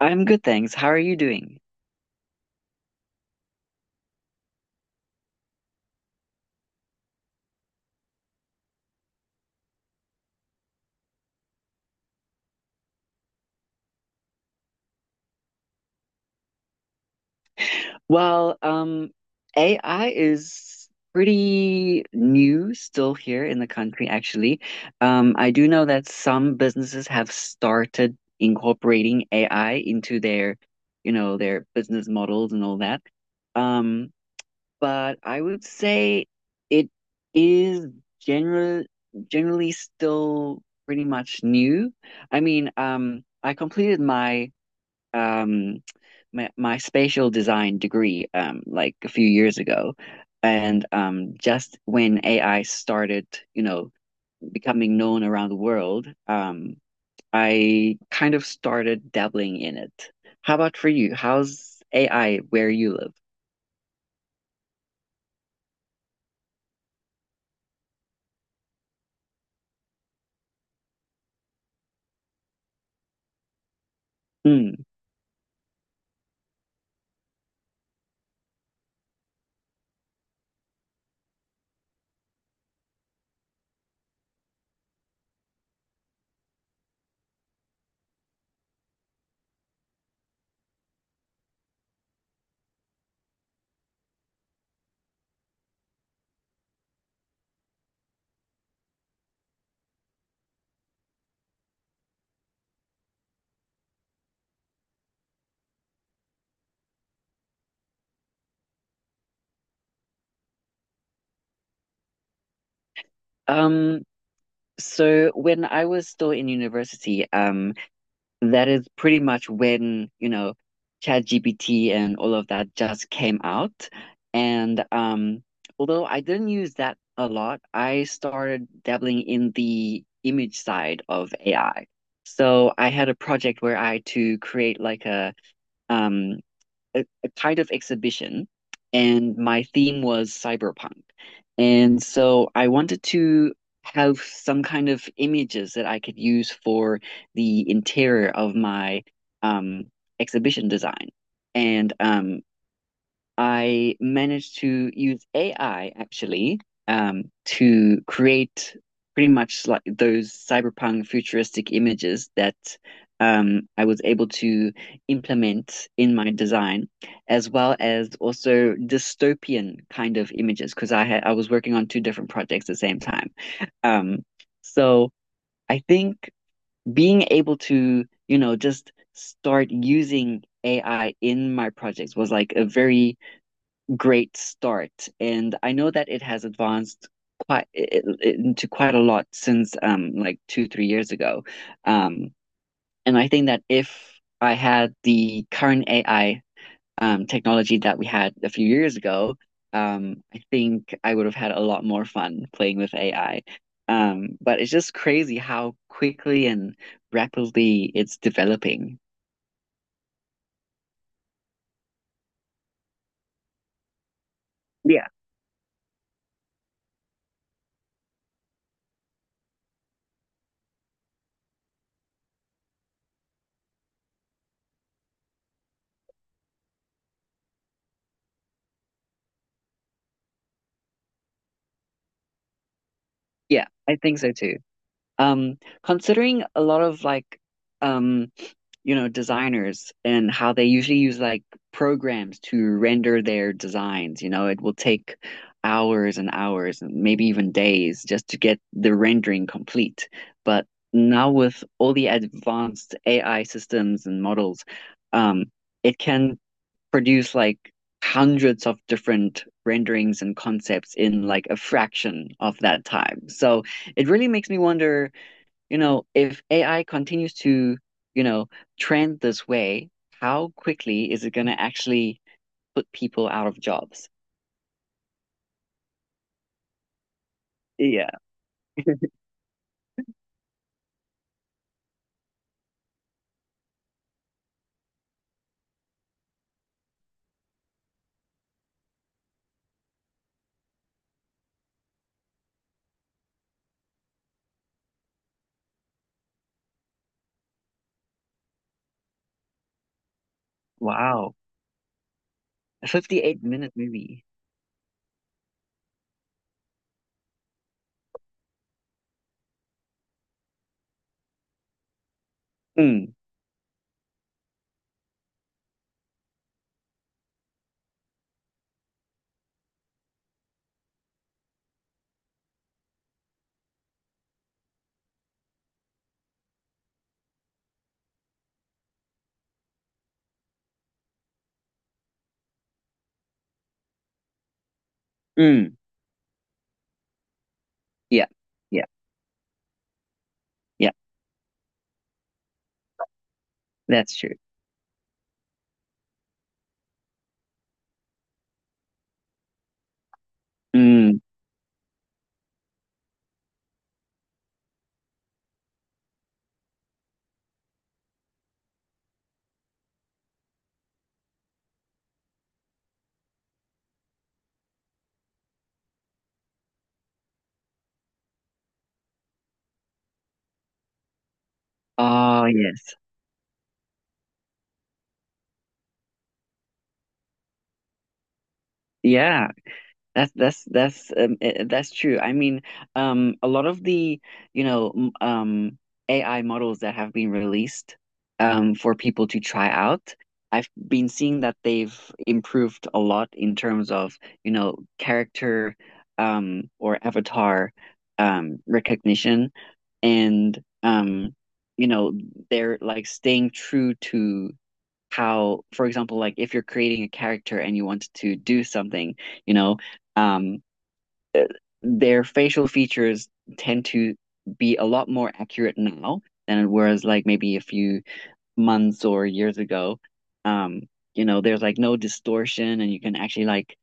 I'm good, thanks. How are you doing? Well, AI is pretty new still here in the country, actually. I do know that some businesses have started incorporating AI into their business models and all that. Um, but I would say it is general generally still pretty much new. I mean, I completed um my spatial design degree like a few years ago. And just when AI started, you know becoming known around the world, I kind of started dabbling in it. How about for you? How's AI where you live? Hmm. um so when I was still in university, that is pretty much when ChatGPT and all of that just came out. And although I didn't use that a lot, I started dabbling in the image side of AI. So I had a project where I had to create like um, a kind of exhibition, and my theme was cyberpunk. And so I wanted to have some kind of images that I could use for the interior of my, um, exhibition design. And I managed to use AI actually, to create pretty much like those cyberpunk futuristic images that, I was able to implement in my design, as well as also dystopian kind of images because I was working on two different projects at the same time. Um, so I think being able to just start using AI in my projects was like a very great start. And I know that it has advanced into quite a lot since like 2, 3 years ago. Um, and I think that if I had the current AI technology that we had a few years ago, I think I would have had a lot more fun playing with AI. But it's just crazy how quickly and rapidly it's developing. Yeah. Yeah, I think so too. Um, considering a lot of like, um designers and how they usually use like programs to render their designs. It will take hours and hours and maybe even days just to get the rendering complete. But now with all the advanced AI systems and models, um, it can produce like hundreds of different renderings and concepts in like a fraction of that time. So it really makes me wonder, if AI continues to, you know, trend this way, how quickly is it going to actually put people out of jobs? Yeah. Wow. A 58-minute minute movie. Mm, mm, yeah, yeah, yeah, that's true. Mm, oh, yes. Yeah. That's true. I mean, a lot of the you know m- um, AI models that have been released, for people to try out, I've been seeing that they've improved a lot in terms of, character, or avatar, recognition. And you know they're like staying true to how, for example, like if you're creating a character and you want to do something, you know. Um, their facial features tend to be a lot more accurate now than whereas like maybe a few months or years ago. Um, there's like no distortion and you can actually like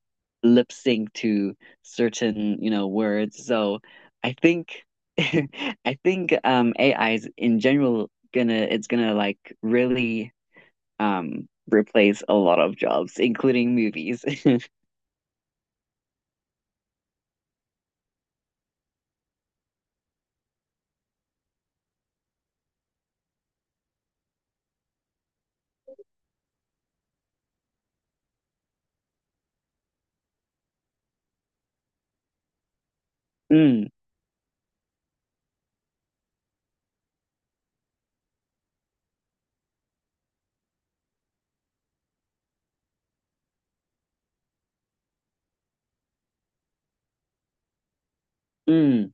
lip sync to certain words. So I think I think AI is in general gonna, it's gonna like really replace a lot of jobs, including movies. Mm, mm.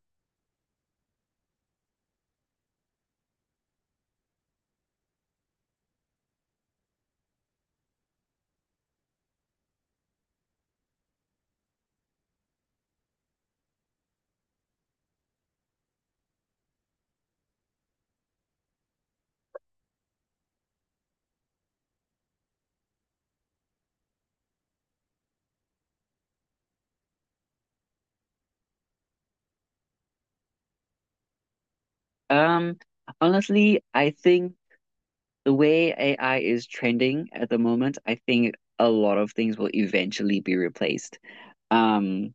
Um Honestly, I think the way AI is trending at the moment, I think a lot of things will eventually be replaced. Um,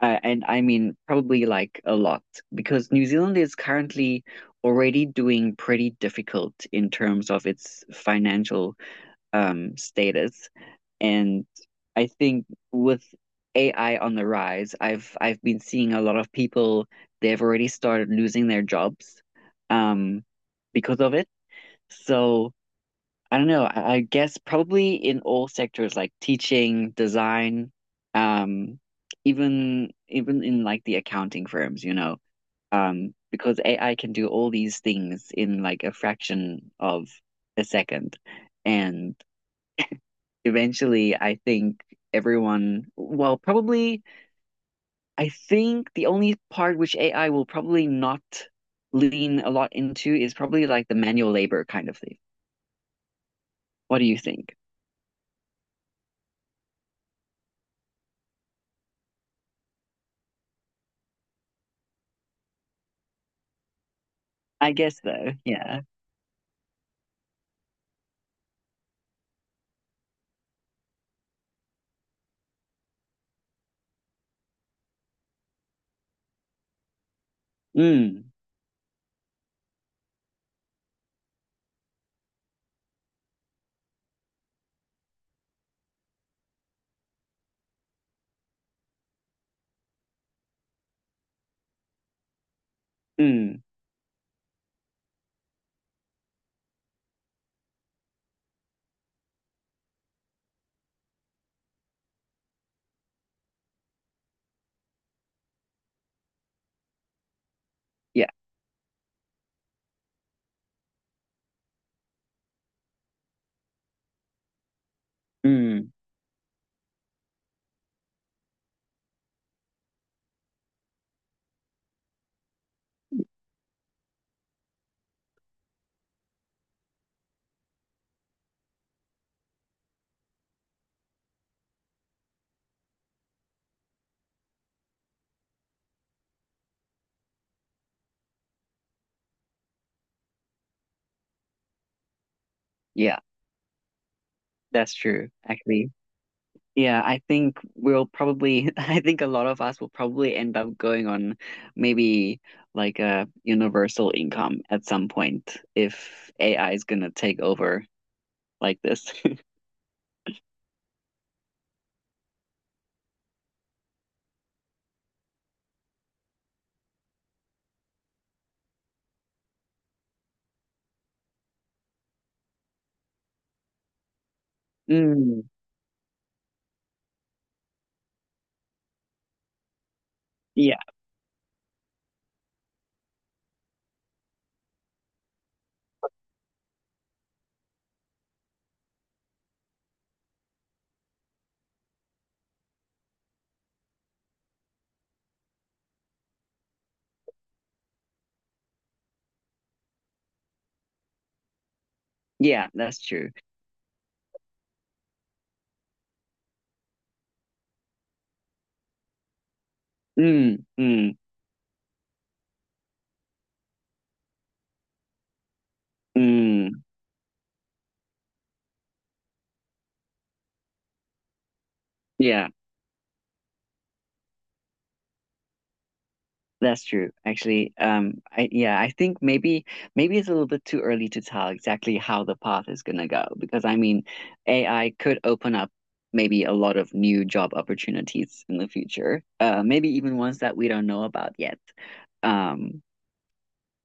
and I mean probably like a lot because New Zealand is currently already doing pretty difficult in terms of its financial status, and I think with AI on the rise, I've been seeing a lot of people they've already started losing their jobs, um, because of it. So. I don't know. I guess probably in all sectors like teaching, design, um, even in like the accounting firms, because AI can do all these things in like a fraction of a second. And eventually, I think everyone, well, probably, I think the only part which AI will probably not lean a lot into is probably like the manual labor kind of thing. What do you think? I guess though, yeah. Mm. Mm, yeah. Mm, yeah, that's true, actually. Yeah, I think we'll probably, I think a lot of us will probably end up going on maybe like a universal income at some point if AI is gonna take over like this. Mm, yeah, yeah, that's true. Mm, mm, mm, yeah. That's true. Actually, I think maybe it's a little bit too early to tell exactly how the path is gonna go because I mean, AI could open up maybe a lot of new job opportunities in the future. Maybe even ones that we don't know about yet. Um,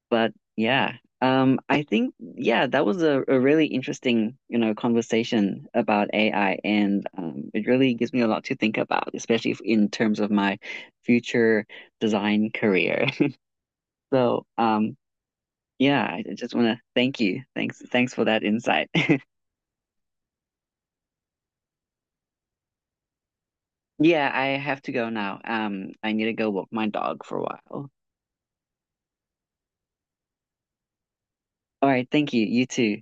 but yeah, I think, yeah, that was a really interesting conversation about AI, and it really gives me a lot to think about, especially if, in terms of my future design career. So, yeah, I just want to thank you. Thanks for that insight. Yeah, I have to go now. I need to go walk my dog for a while. All right, thank you. You too.